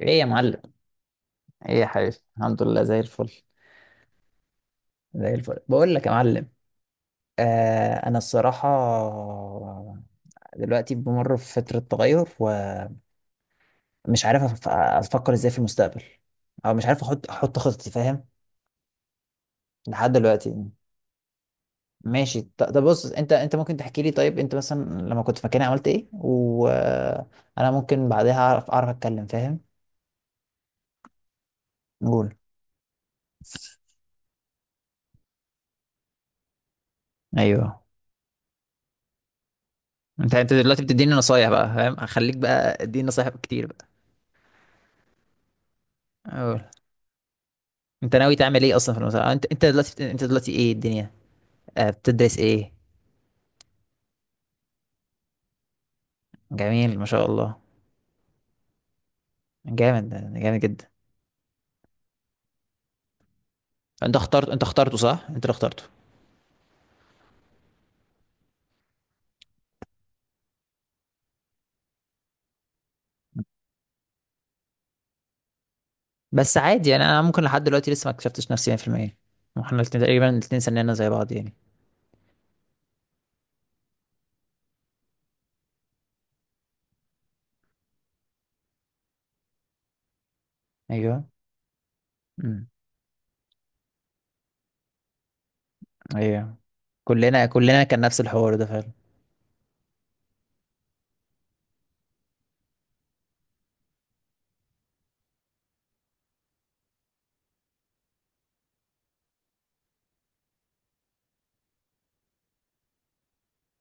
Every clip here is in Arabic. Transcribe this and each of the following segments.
ايه يا معلم. ايه يا حبيبي، الحمد لله زي الفل. زي الفل بقول لك يا معلم. انا الصراحه دلوقتي بمر في فتره تغير، ومش عارف افكر ازاي في المستقبل، او مش عارف احط خطتي، فاهم؟ لحد دلوقتي ماشي. طب بص، انت ممكن تحكي لي؟ طيب انت مثلا لما كنت في مكاني عملت ايه؟ وانا ممكن بعدها اعرف اتكلم، فاهم؟ قول. ايوه، انت دلوقتي بتديني نصايح بقى، فاهم؟ هخليك بقى اديني نصايح كتير بقى. انت ناوي تعمل ايه اصلا في المسابقه؟ انت دلوقتي ايه الدنيا؟ آه بتدرس ايه؟ جميل ما شاء الله. جامد، جامد جدا. انت اخترت، انت اخترته صح انت اللي اخترته؟ بس عادي يعني، انا ممكن لحد دلوقتي لسه ما اكتشفتش نفسي 100%. واحنا الاثنين تقريبا الاثنين سننا زي بعض يعني. ايوه. امم. ايوه. كلنا كان نفس الحوار ده فعلا.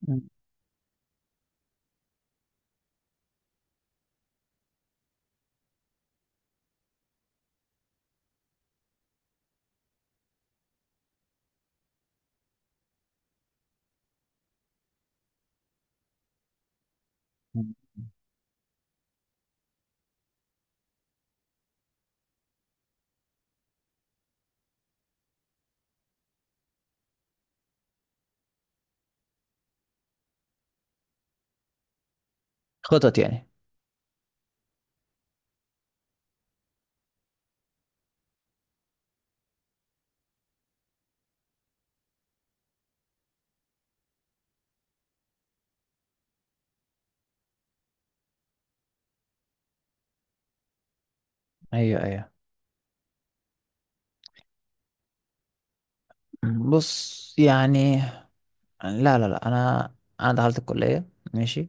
مم. خطط يعني. ايوه. ايوه. بص يعني، لا لا لا، انا انا دخلت الكليه، ماشي؟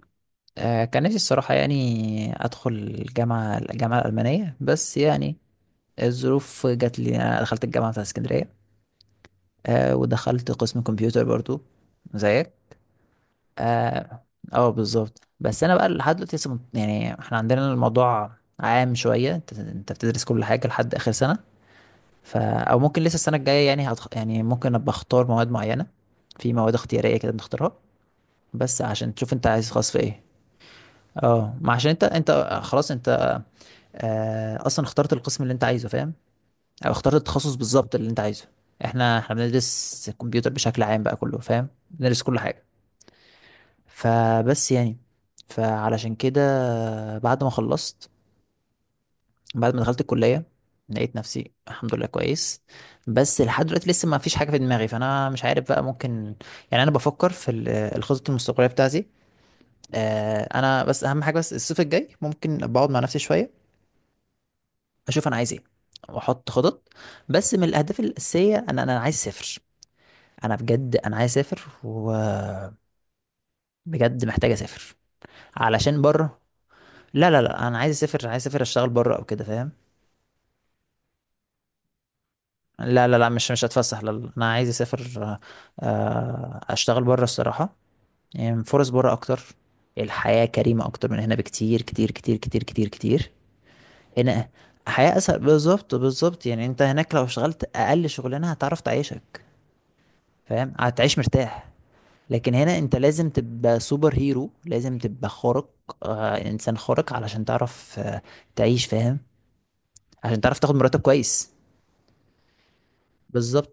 آه، كان نفسي الصراحة يعني أدخل الجامعة، الألمانية بس يعني، الظروف جات لي. أنا دخلت الجامعة بتاعت اسكندرية، أه ودخلت قسم كمبيوتر برضو زيك. اه. آه، بالظبط. بس أنا بقى لحد دلوقتي لسه يعني احنا عندنا الموضوع عام شوية. انت بتدرس كل حاجة لحد آخر سنة، ف أو ممكن لسه السنة الجاية يعني يعني ممكن أبقى أختار مواد معينة. في مواد اختيارية كده بنختارها بس عشان تشوف أنت عايز خاص في إيه. اه، ما عشان انت خلاص انت آه، اصلا اخترت القسم اللي انت عايزه، فاهم؟ او اخترت التخصص بالظبط اللي انت عايزه. احنا بندرس الكمبيوتر بشكل عام بقى كله، فاهم؟ بندرس كل حاجه. فبس يعني، فعلشان كده، بعد ما خلصت، بعد ما دخلت الكليه، لقيت نفسي الحمد لله كويس. بس لحد دلوقتي لسه ما فيش حاجه في دماغي، فانا مش عارف بقى ممكن. يعني انا بفكر في الخطط المستقبليه بتاعتي. آه، انا بس اهم حاجه، بس الصيف الجاي ممكن بقعد مع نفسي شويه اشوف انا عايز ايه، واحط خطط. بس من الاهداف الاساسيه، انا عايز اسافر. انا بجد انا عايز اسافر، وبجد محتاج اسافر، علشان بره. لا لا لا، انا عايز اسافر، عايز اسافر اشتغل بره او كده، فاهم؟ لا لا لا، مش هتفسح، لا لا. انا عايز اسافر آه، اشتغل بره الصراحه. يعني فرص بره اكتر، الحياه كريمه اكتر من هنا بكتير، كتير كتير كتير كتير كتير. هنا حياه اسهل، بالظبط بالظبط. يعني انت هناك لو اشتغلت اقل شغلانه هتعرف تعيشك، فاهم؟ هتعيش مرتاح. لكن هنا انت لازم تبقى سوبر هيرو، لازم تبقى خارق آه، انسان خارق علشان تعرف آه تعيش، فاهم؟ عشان تعرف تاخد مرتب كويس. بالظبط.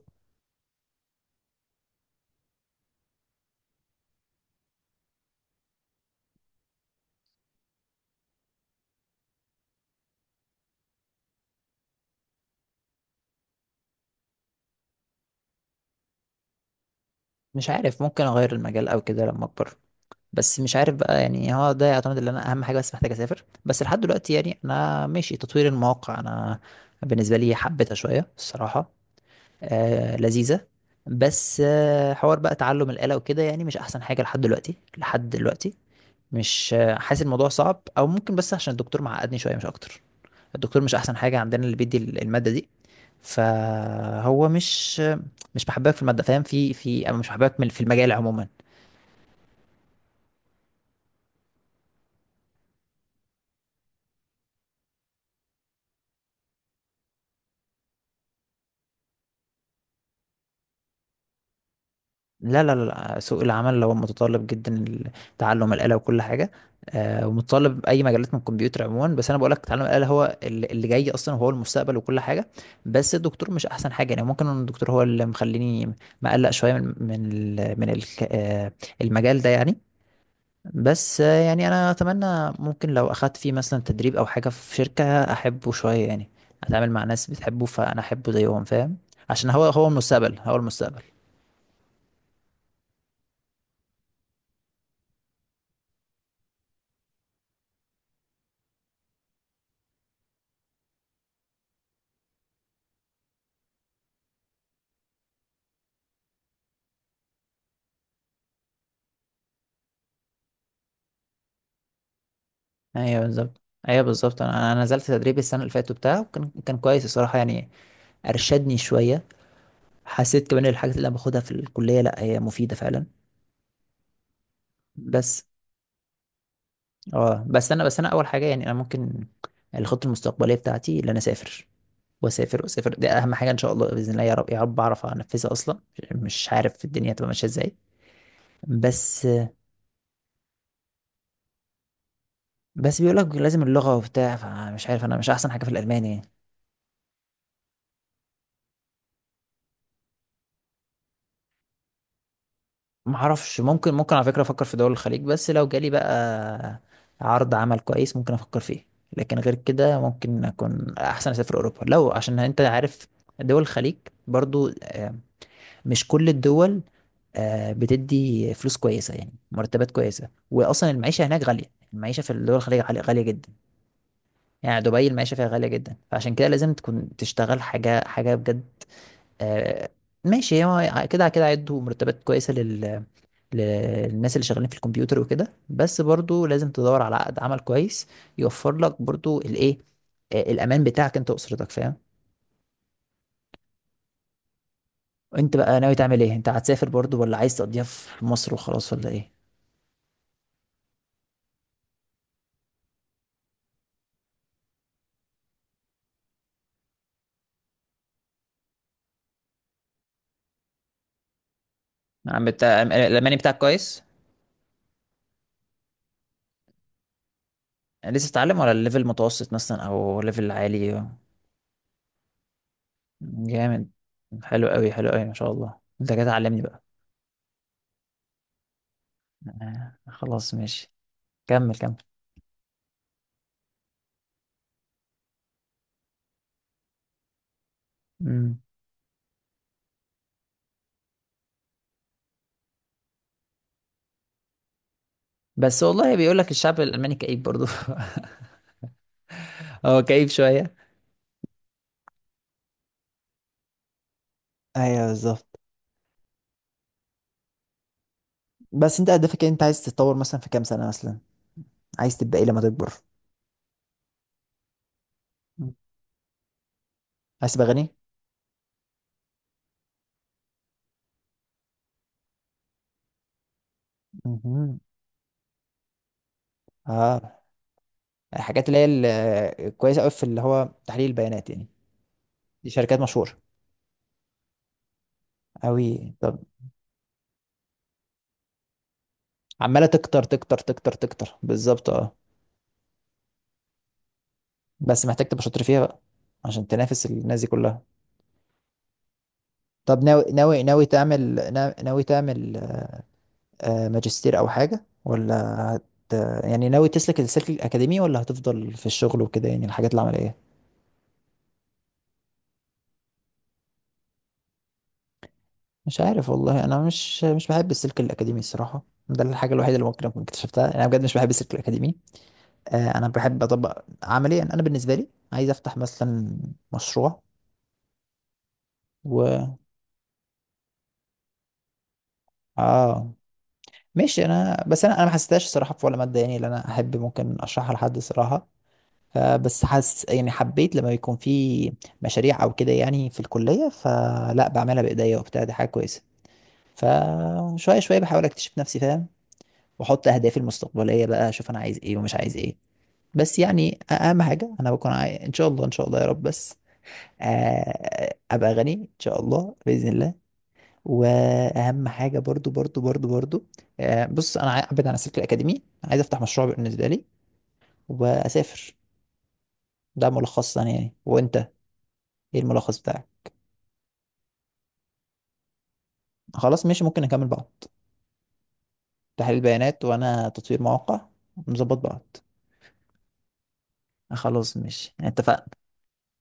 مش عارف، ممكن اغير المجال او كده لما اكبر. بس مش عارف بقى يعني، هو ده يعتمد ان انا اهم حاجه بس محتاج اسافر. بس لحد دلوقتي يعني انا ماشي تطوير المواقع. انا بالنسبه لي حبيتها شويه الصراحه، آه لذيذه. بس آه، حوار بقى تعلم الآلة وكده يعني مش احسن حاجه لحد دلوقتي، لحد دلوقتي مش حاسس الموضوع صعب او ممكن، بس عشان الدكتور معقدني شويه مش اكتر. الدكتور مش احسن حاجه عندنا اللي بيدي الماده دي، فهو مش محببك في الماده، فاهم؟ في في أو مش محببك في المجال عموما. لا لا لا، سوق العمل هو متطلب جدا تعلم الآلة وكل حاجة آه، ومتطلب أي مجالات من الكمبيوتر عموما. بس أنا بقولك تعلم الآلة هو اللي جاي أصلا، وهو المستقبل وكل حاجة. بس الدكتور مش أحسن حاجة، يعني ممكن إن الدكتور هو اللي مخليني مقلق شوية من المجال ده يعني. بس آه، يعني انا اتمنى ممكن لو اخدت فيه مثلا تدريب او حاجه في شركه احبه شويه يعني، اتعامل مع ناس بتحبه فانا احبه زيهم، فاهم؟ عشان هو، هو المستقبل، هو المستقبل. ايوه بالظبط. ايوه بالظبط، انا نزلت تدريب السنه اللي فاتت بتاعه، وكان كويس الصراحه يعني، ارشدني شويه. حسيت كمان الحاجات اللي انا باخدها في الكليه لا هي مفيده فعلا. بس اه، بس انا اول حاجه يعني انا ممكن الخطه المستقبليه بتاعتي ان انا اسافر، واسافر واسافر، دي اهم حاجه. ان شاء الله باذن الله، يا رب يا رب اعرف انفذها اصلا. مش عارف الدنيا هتبقى ماشيه ازاي. بس. بس بيقول لك لازم اللغه وبتاع، فمش عارف انا مش احسن حاجه في الالماني. ما اعرفش، ممكن ممكن على فكره افكر في دول الخليج، بس لو جالي بقى عرض عمل كويس ممكن افكر فيه. لكن غير كده ممكن اكون احسن اسافر اوروبا. لو عشان انت عارف دول الخليج برضو آه، مش كل الدول آه، بتدي فلوس كويسة، يعني مرتبات كويسة. وأصلا المعيشة هناك غالية، المعيشة في الدول الخليج غالية جدا. يعني دبي المعيشة فيها غالية جدا، فعشان كده لازم تكون تشتغل حاجة، حاجة بجد آه، ماشي. هو كده كده هيدوا مرتبات كويسة للناس اللي شغالين في الكمبيوتر وكده، بس برضو لازم تدور على عقد عمل كويس يوفر لك برضو الإيه آه، الأمان بتاعك أنت وأسرتك، فاهم؟ أنت بقى ناوي تعمل إيه؟ أنت هتسافر برضو ولا عايز تقضيها في مصر وخلاص، ولا إيه؟ نعم، بتاع الألماني بتاعك كويس؟ لسه بتتعلم ولا الليفل متوسط مثلا أو ليفل عالي؟ جامد، حلو قوي، حلو قوي ما شاء الله، أنت كده تعلمني بقى. آه، خلاص ماشي. كمل كمل. مم. بس والله بيقول لك الشعب الألماني كئيب برضو. هو كئيب شوية. ايوه بالظبط. بس انت هدفك إيه؟ انت عايز تتطور مثلا في كام سنة مثلا؟ عايز تبقى ايه لما تكبر؟ مم. عايز تبقى غني؟ مهم. اه، الحاجات اللي هي كويسة قوي في اللي هو تحليل البيانات يعني. دي شركات مشهورة قوي. طب عماله تكتر تكتر تكتر تكتر، بالظبط اه. بس محتاج تبقى شاطر فيها بقى عشان تنافس الناس دي كلها. طب ناوي، ناوي تعمل آه، ماجستير او حاجه ولا هت، يعني ناوي تسلك السلك الاكاديمي ولا هتفضل في الشغل وكده يعني الحاجات العمليه؟ مش عارف والله، انا مش بحب السلك الاكاديمي الصراحه. ده الحاجه الوحيده اللي ممكن اكون اكتشفتها انا بجد، مش بحب السلك الاكاديمي. آه، انا بحب اطبق عمليا، انا بالنسبه لي عايز افتح مثلا مشروع و اه، ماشي. انا بس انا ما حسيتهاش الصراحه في ولا ماده يعني اللي انا احب ممكن اشرحها لحد صراحه. آه، بس حاسس يعني حبيت لما يكون في مشاريع او كده يعني في الكليه، فلا بعملها بايديا وبتاع، دي حاجه كويسه. فشويه شويه بحاول اكتشف نفسي، فاهم؟ واحط اهدافي المستقبليه بقى اشوف انا عايز ايه ومش عايز ايه. بس يعني اهم حاجه انا بكون عايز ان شاء الله، ان شاء الله يا رب. بس آه، ابقى غني ان شاء الله باذن الله. واهم حاجه برضو، برضو برضو برضو آه، بص انا ابعد عن السلك الاكاديمي، عايز افتح مشروع بالنسبه لي، واسافر. ده ملخصا يعني. وانت ايه الملخص بتاعك؟ خلاص ماشي، ممكن نكمل بعض. تحليل بيانات وانا تطوير مواقع، نظبط بعض. خلاص ماشي، اتفقنا.